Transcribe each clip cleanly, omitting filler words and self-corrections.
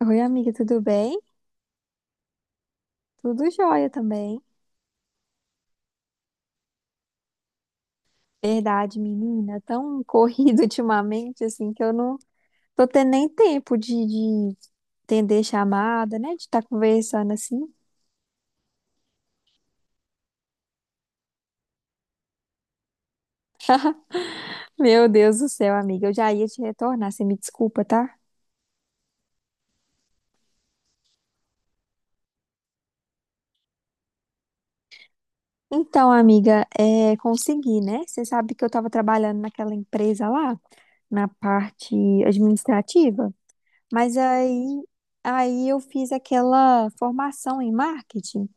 Oi, amiga, tudo bem? Tudo jóia também. Verdade, menina, tão corrido ultimamente, assim, que eu não tô tendo nem tempo de atender chamada, né? De estar conversando assim. Meu Deus do céu, amiga, eu já ia te retornar, você me desculpa, tá? Então, amiga, consegui, né? Você sabe que eu tava trabalhando naquela empresa lá, na parte administrativa. Mas aí eu fiz aquela formação em marketing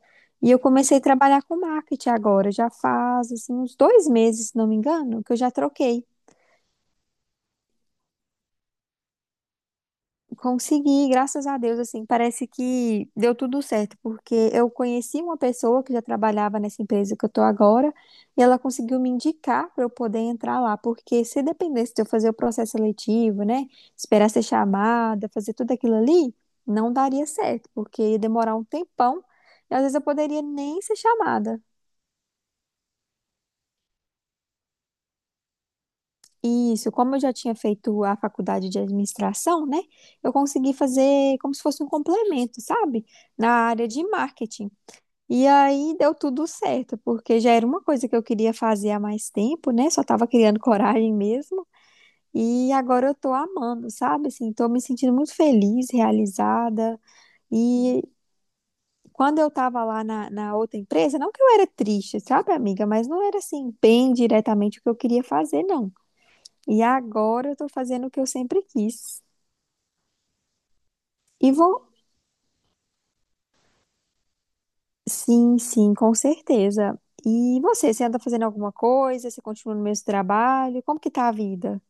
e eu comecei a trabalhar com marketing agora. Já faz assim, uns 2 meses, se não me engano, que eu já troquei. Consegui, graças a Deus, assim, parece que deu tudo certo, porque eu conheci uma pessoa que já trabalhava nessa empresa que eu tô agora, e ela conseguiu me indicar para eu poder entrar lá, porque se dependesse de eu fazer o processo seletivo, né, esperar ser chamada, fazer tudo aquilo ali, não daria certo, porque ia demorar um tempão, e às vezes eu poderia nem ser chamada. E isso, como eu já tinha feito a faculdade de administração, né, eu consegui fazer como se fosse um complemento, sabe? Na área de marketing. E aí deu tudo certo, porque já era uma coisa que eu queria fazer há mais tempo, né? Só tava criando coragem mesmo. E agora eu tô amando, sabe? Assim, tô me sentindo muito feliz, realizada. E quando eu tava lá na outra empresa, não que eu era triste, sabe, amiga? Mas não era assim, bem diretamente o que eu queria fazer, não. E agora eu tô fazendo o que eu sempre quis. E vou, sim, sim, com certeza. E você anda fazendo alguma coisa? Você continua no mesmo trabalho? Como que tá a vida?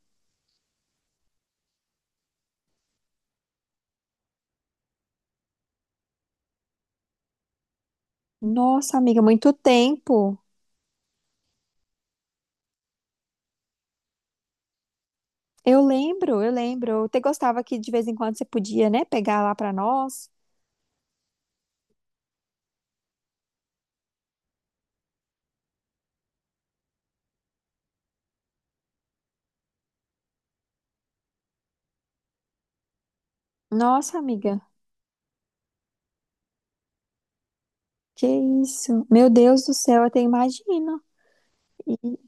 Nossa, amiga, muito tempo. Eu lembro, eu lembro. Eu até gostava que de vez em quando você podia, né, pegar lá pra nós. Nossa, amiga, que isso? Meu Deus do céu, eu até imagino. E-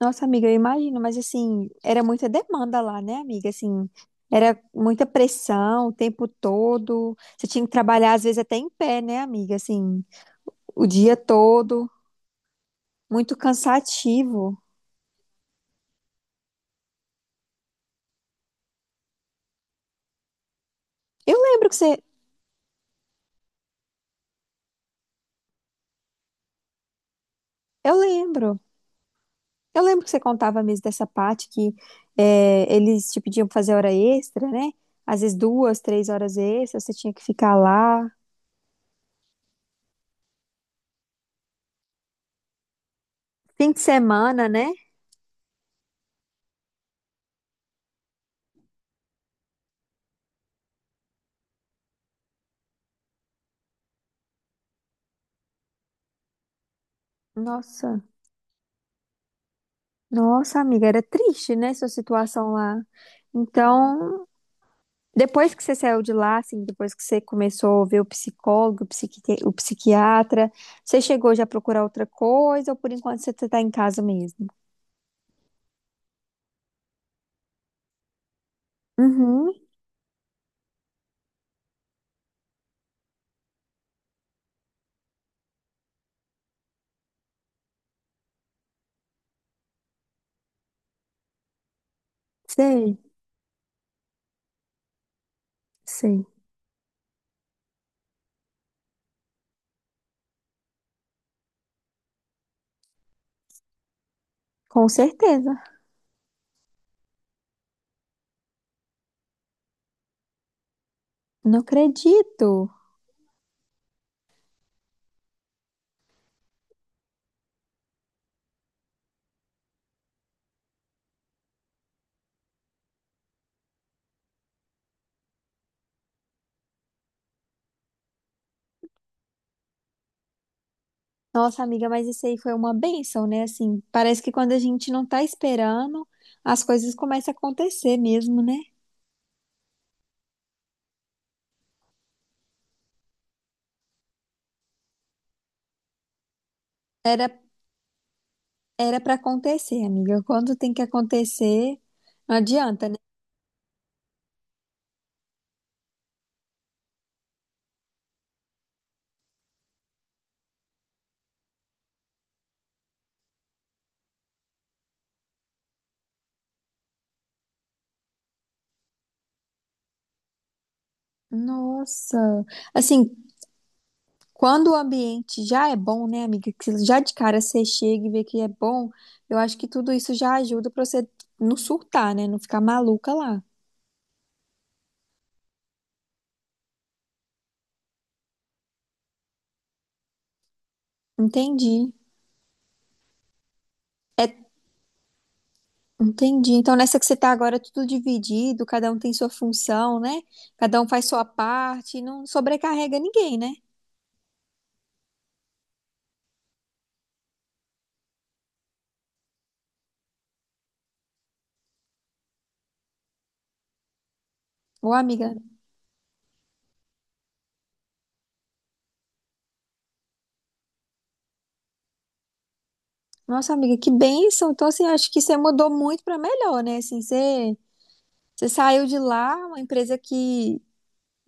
Nossa, amiga, eu imagino, mas assim, era muita demanda lá, né, amiga? Assim, era muita pressão o tempo todo. Você tinha que trabalhar às vezes até em pé, né, amiga? Assim, o dia todo, muito cansativo. Eu lembro que você, eu lembro. Eu lembro que você contava mesmo dessa parte que eles te pediam pra fazer hora extra, né? Às vezes 2, 3 horas extras, você tinha que ficar lá. Fim de semana, né? Nossa, nossa, amiga, era triste, né? Sua situação lá. Então, depois que você saiu de lá, assim, depois que você começou a ver o psicólogo, o psiquiatra, você chegou já a procurar outra coisa ou por enquanto você tá em casa mesmo? Uhum, sei, sei. Com certeza. Não acredito. Nossa, amiga, mas isso aí foi uma bênção, né? Assim, parece que quando a gente não tá esperando, as coisas começam a acontecer mesmo, né? Era era para acontecer, amiga. Quando tem que acontecer, não adianta, né? Nossa. Assim, quando o ambiente já é bom, né, amiga? Que já de cara você chega e vê que é bom, eu acho que tudo isso já ajuda pra você não surtar, né? Não ficar maluca lá. Entendi. É, entendi. Então, nessa que você está agora, é tudo dividido, cada um tem sua função, né? Cada um faz sua parte, não sobrecarrega ninguém, né? Ô, amiga, nossa amiga, que bênção. Então, assim, acho que você mudou muito para melhor, né? Assim, você saiu de lá, uma empresa que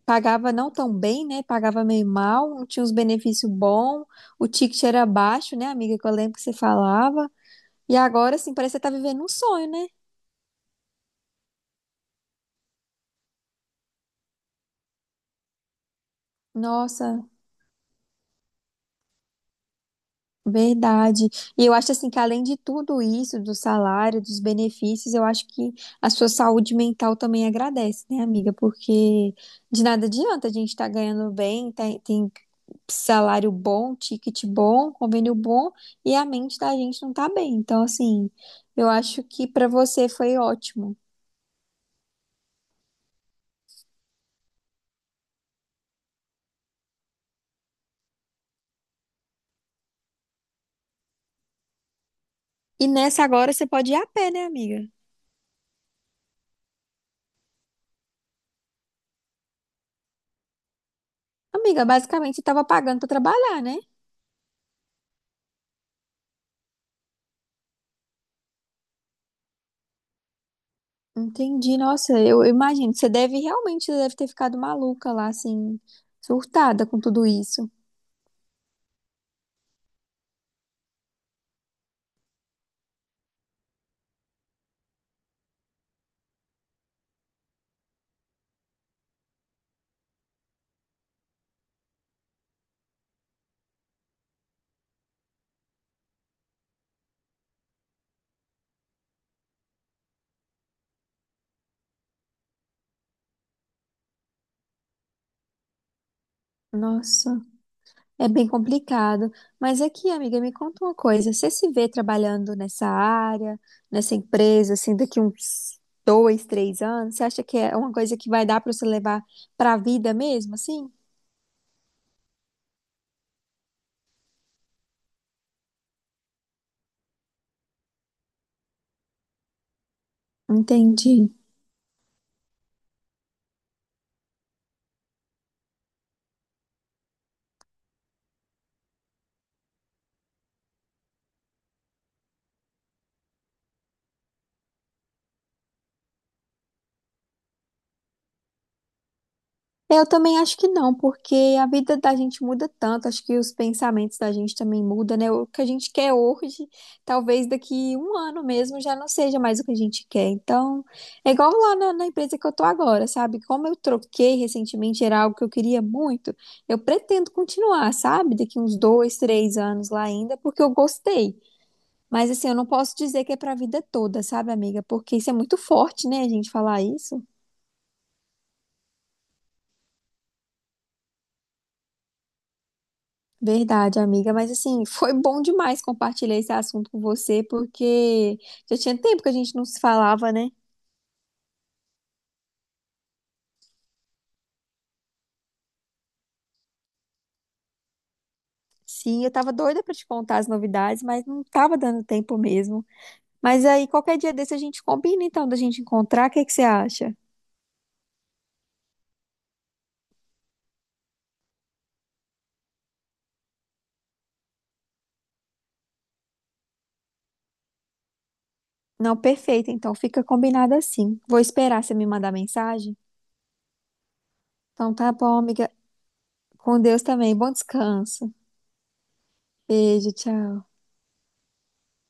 pagava não tão bem, né? Pagava meio mal, não tinha uns benefícios bons, o ticket era baixo, né, amiga? Que eu lembro que você falava. E agora, assim, parece que você tá vivendo um sonho, né? Nossa. Verdade. E eu acho assim que além de tudo isso, do salário, dos benefícios, eu acho que a sua saúde mental também agradece, né, amiga? Porque de nada adianta a gente estar ganhando bem, tem salário bom, ticket bom, convênio bom, e a mente da gente não tá bem. Então, assim, eu acho que pra você foi ótimo. E nessa agora você pode ir a pé, né, amiga? Amiga, basicamente você tava pagando pra trabalhar, né? Entendi, nossa, eu imagino, você deve realmente deve ter ficado maluca lá, assim, surtada com tudo isso. Nossa, é bem complicado. Mas aqui, amiga, me conta uma coisa, você se vê trabalhando nessa área, nessa empresa, assim, daqui uns 2, 3 anos? Você acha que é uma coisa que vai dar para você levar para a vida mesmo, assim? Entendi. É, eu também acho que não, porque a vida da gente muda tanto, acho que os pensamentos da gente também mudam, né? O que a gente quer hoje, talvez daqui um ano mesmo já não seja mais o que a gente quer. Então, é igual lá na empresa que eu tô agora, sabe? Como eu troquei recentemente, era algo que eu queria muito, eu pretendo continuar, sabe? Daqui uns 2, 3 anos lá ainda, porque eu gostei. Mas assim, eu não posso dizer que é pra vida toda, sabe, amiga? Porque isso é muito forte, né, a gente falar isso. Verdade, amiga, mas assim, foi bom demais compartilhar esse assunto com você, porque já tinha tempo que a gente não se falava, né? Sim, eu tava doida pra te contar as novidades, mas não tava dando tempo mesmo. Mas aí, qualquer dia desse a gente combina então da gente encontrar, o que que você acha? Não, perfeito, então fica combinado assim. Vou esperar você me mandar mensagem. Então tá bom, amiga. Com Deus também. Bom descanso. Beijo, tchau.